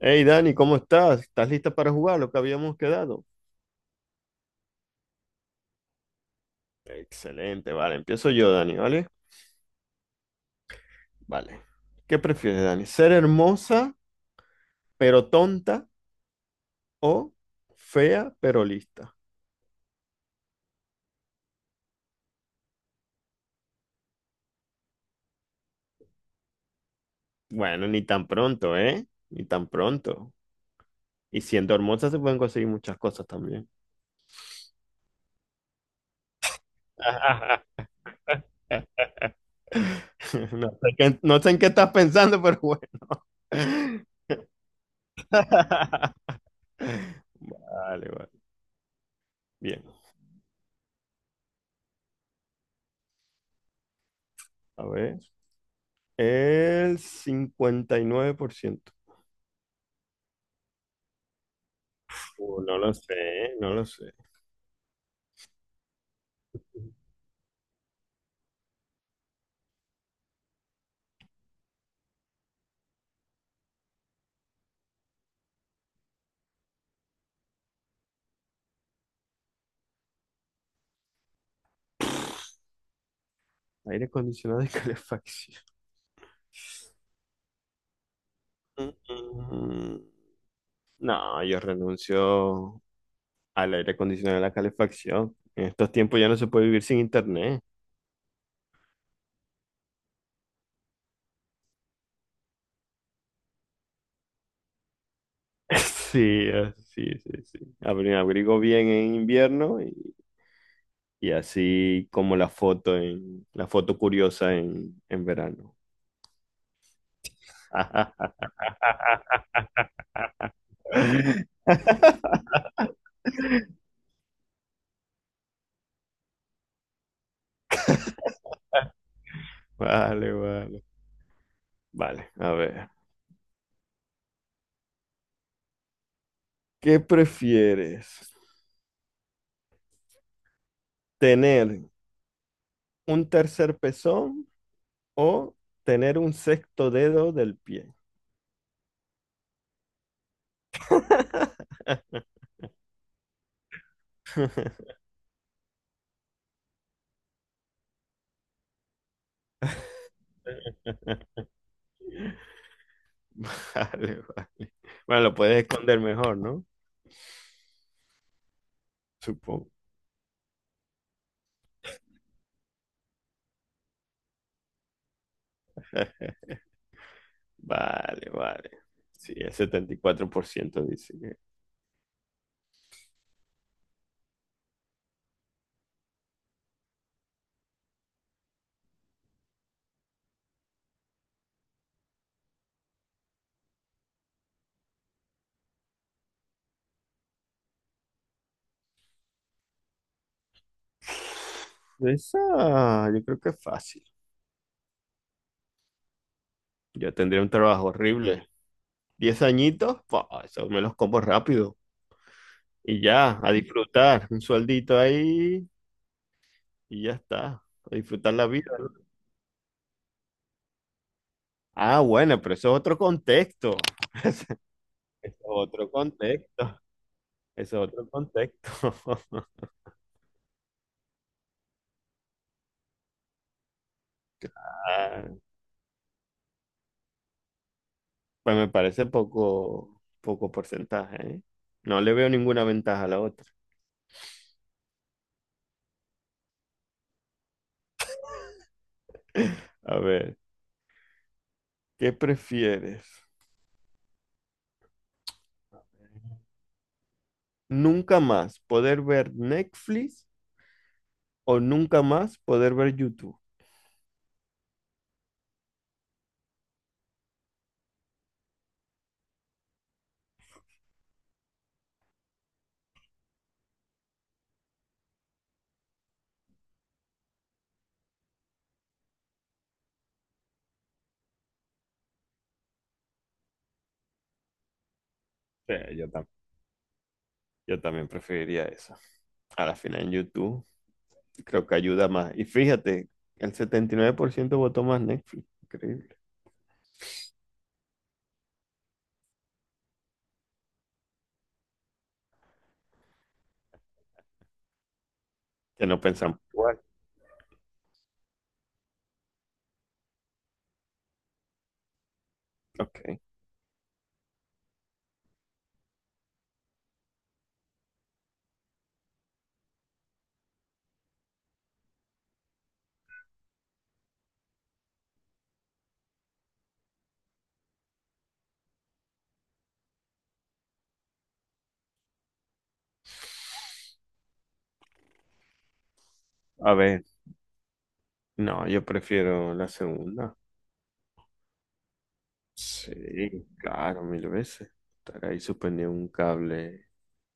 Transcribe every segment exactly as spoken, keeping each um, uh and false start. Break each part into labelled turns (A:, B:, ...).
A: Hey Dani, ¿cómo estás? ¿Estás lista para jugar lo que habíamos quedado? Excelente, vale, empiezo yo, Dani, ¿vale? Vale. ¿Qué prefieres, Dani? ¿Ser hermosa pero tonta o fea pero lista? Bueno, ni tan pronto, ¿eh? Ni tan pronto. Y siendo hermosa se pueden conseguir muchas cosas también. No sé qué- no sé en qué estás pensando, pero bueno. Vale, vale. Bien, a ver. El cincuenta y nueve por ciento. Uh, no lo sé, no lo sé. Aire acondicionado y calefacción. Mm, mm, No, yo renuncio al aire acondicionado y la calefacción. En estos tiempos ya no se puede vivir sin internet. Sí, ah, sí, sí, sí. Abri- abrigo bien en invierno y, y así como la foto en la foto curiosa en, en verano. Vale, vale. Vale, a ver. ¿Qué prefieres? ¿Tener un tercer pezón o tener un sexto dedo del pie? Vale, vale. Bueno, lo puedes esconder mejor, ¿no? Supongo. Vale, vale. Sí, el setenta y cuatro por ciento dice que... Esa, yo creo que es fácil. Yo tendría un trabajo horrible. Diez añitos, pa, eso me los como rápido. Y ya, a disfrutar. Un sueldito ahí y ya está. A disfrutar la vida, ¿no? Ah, bueno, pero eso es otro contexto. Eso es otro contexto. Eso es otro contexto. Ah, pues me parece poco, poco porcentaje, ¿eh? No le veo ninguna ventaja a la otra. A ver, ¿qué prefieres? ¿Nunca más poder ver Netflix o nunca más poder ver YouTube? Sí, yo tam- yo también preferiría eso. A la final en YouTube, creo que ayuda más. Y fíjate, el setenta y nueve por ciento votó más Netflix. Increíble. Que no pensamos igual. Ok. A ver, no, yo prefiero la segunda. Sí, claro, mil veces. Estar ahí suspendido en un cable.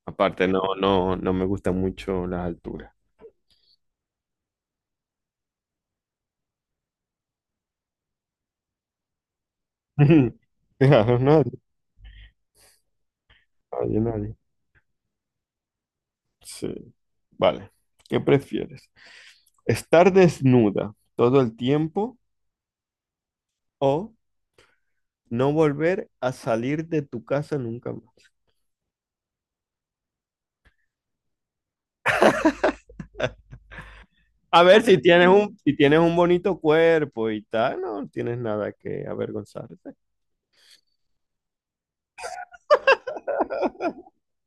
A: Aparte, no, no, no me gustan mucho las alturas. Claro, nadie, nadie, nadie. Sí. Vale. ¿Qué prefieres? ¿Estar desnuda todo el tiempo o no volver a salir de tu casa nunca? A ver, si tienes un, si tienes un, bonito cuerpo y tal, no tienes nada que avergonzarte.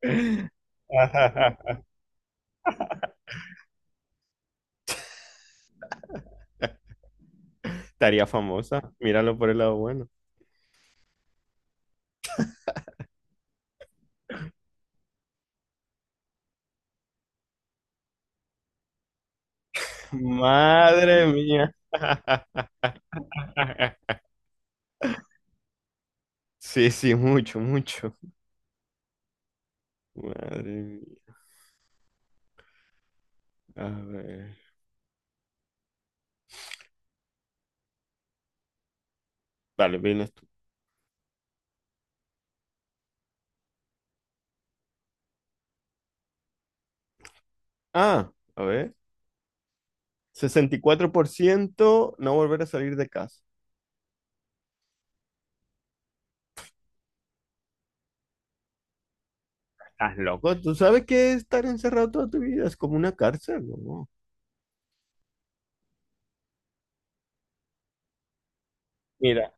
A: Estaría famosa, míralo por el lado bueno. Madre mía. Sí, sí, mucho, mucho. Madre mía. A ver. Vale, vienes tú. Ah, a ver. Sesenta y cuatro por ciento no volver a salir de casa. ¿Estás loco? ¿Tú sabes que estar encerrado toda tu vida es como una cárcel, ¿no? Mira,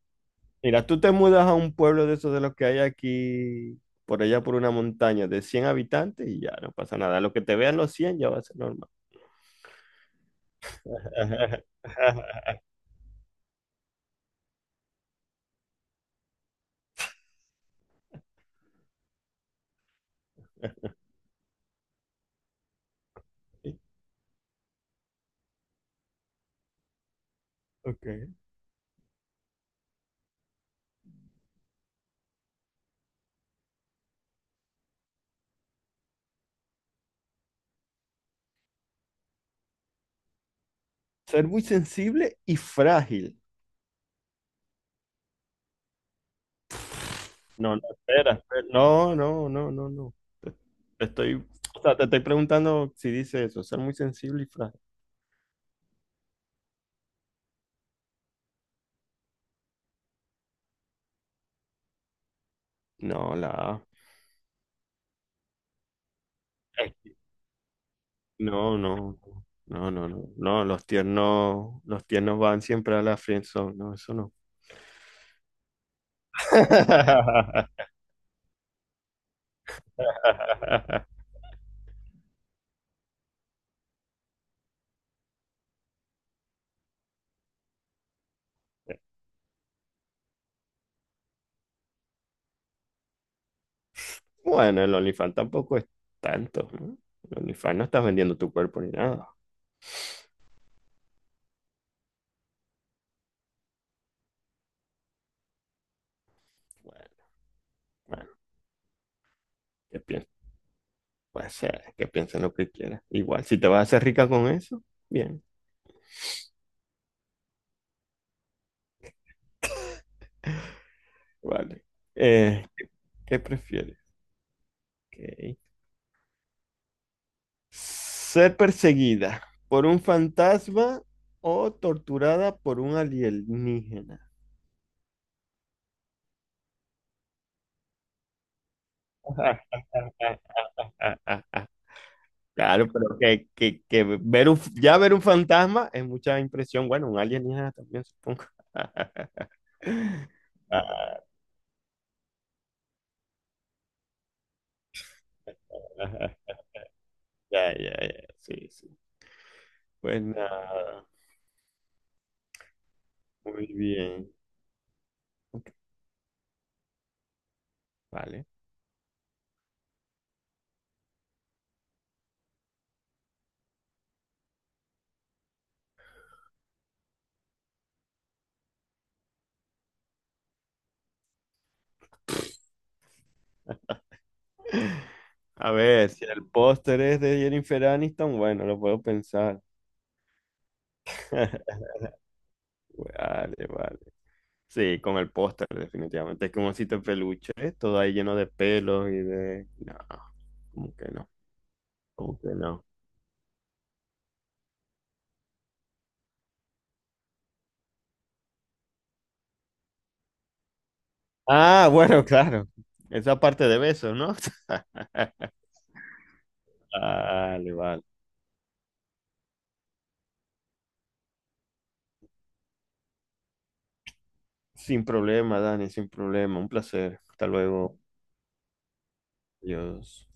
A: Mira, tú te mudas a un pueblo de esos de los que hay aquí, por allá por una montaña de cien habitantes y ya no pasa nada. Lo que te vean los cien ya va a ser normal. Okay. Ser muy sensible y frágil. No, no, espera, espera. No, no, no, no, no. Te te estoy, o sea, te estoy preguntando si dice eso, ser muy sensible y frágil. No, la A. Es que- No, no, no, no, no, no, los tiernos, los tiernos van siempre a la friendzone, no, eso no. Bueno, el OnlyFans tampoco es tanto, ¿no? El OnlyFans no estás vendiendo tu cuerpo ni nada. Bueno, bueno, que piensen, puede ser, que piensen lo que quieran. Igual, si te vas a hacer rica con eso, bien. Vale. Eh, ¿qué, qué prefieres? Ok. ¿Ser perseguida por un fantasma o torturada por un alienígena? Claro, pero que, que, que ver un, ya ver un fantasma es mucha impresión. Bueno, un alienígena también, supongo. Ah, Ya, ya, ya, sí, sí. Pues nada, muy bien. Ok, vale. A ver, si el póster es de Jennifer Aniston, bueno, lo puedo pensar. Vale, vale. Sí, con el póster, definitivamente. Es como un osito de peluche, ¿eh? Todo ahí lleno de pelos y de... No, como que no, como que no. Ah, bueno, claro. Esa parte de besos, ¿no? Vale, vale. Sin problema, Dani, sin problema. Un placer. Hasta luego. Adiós.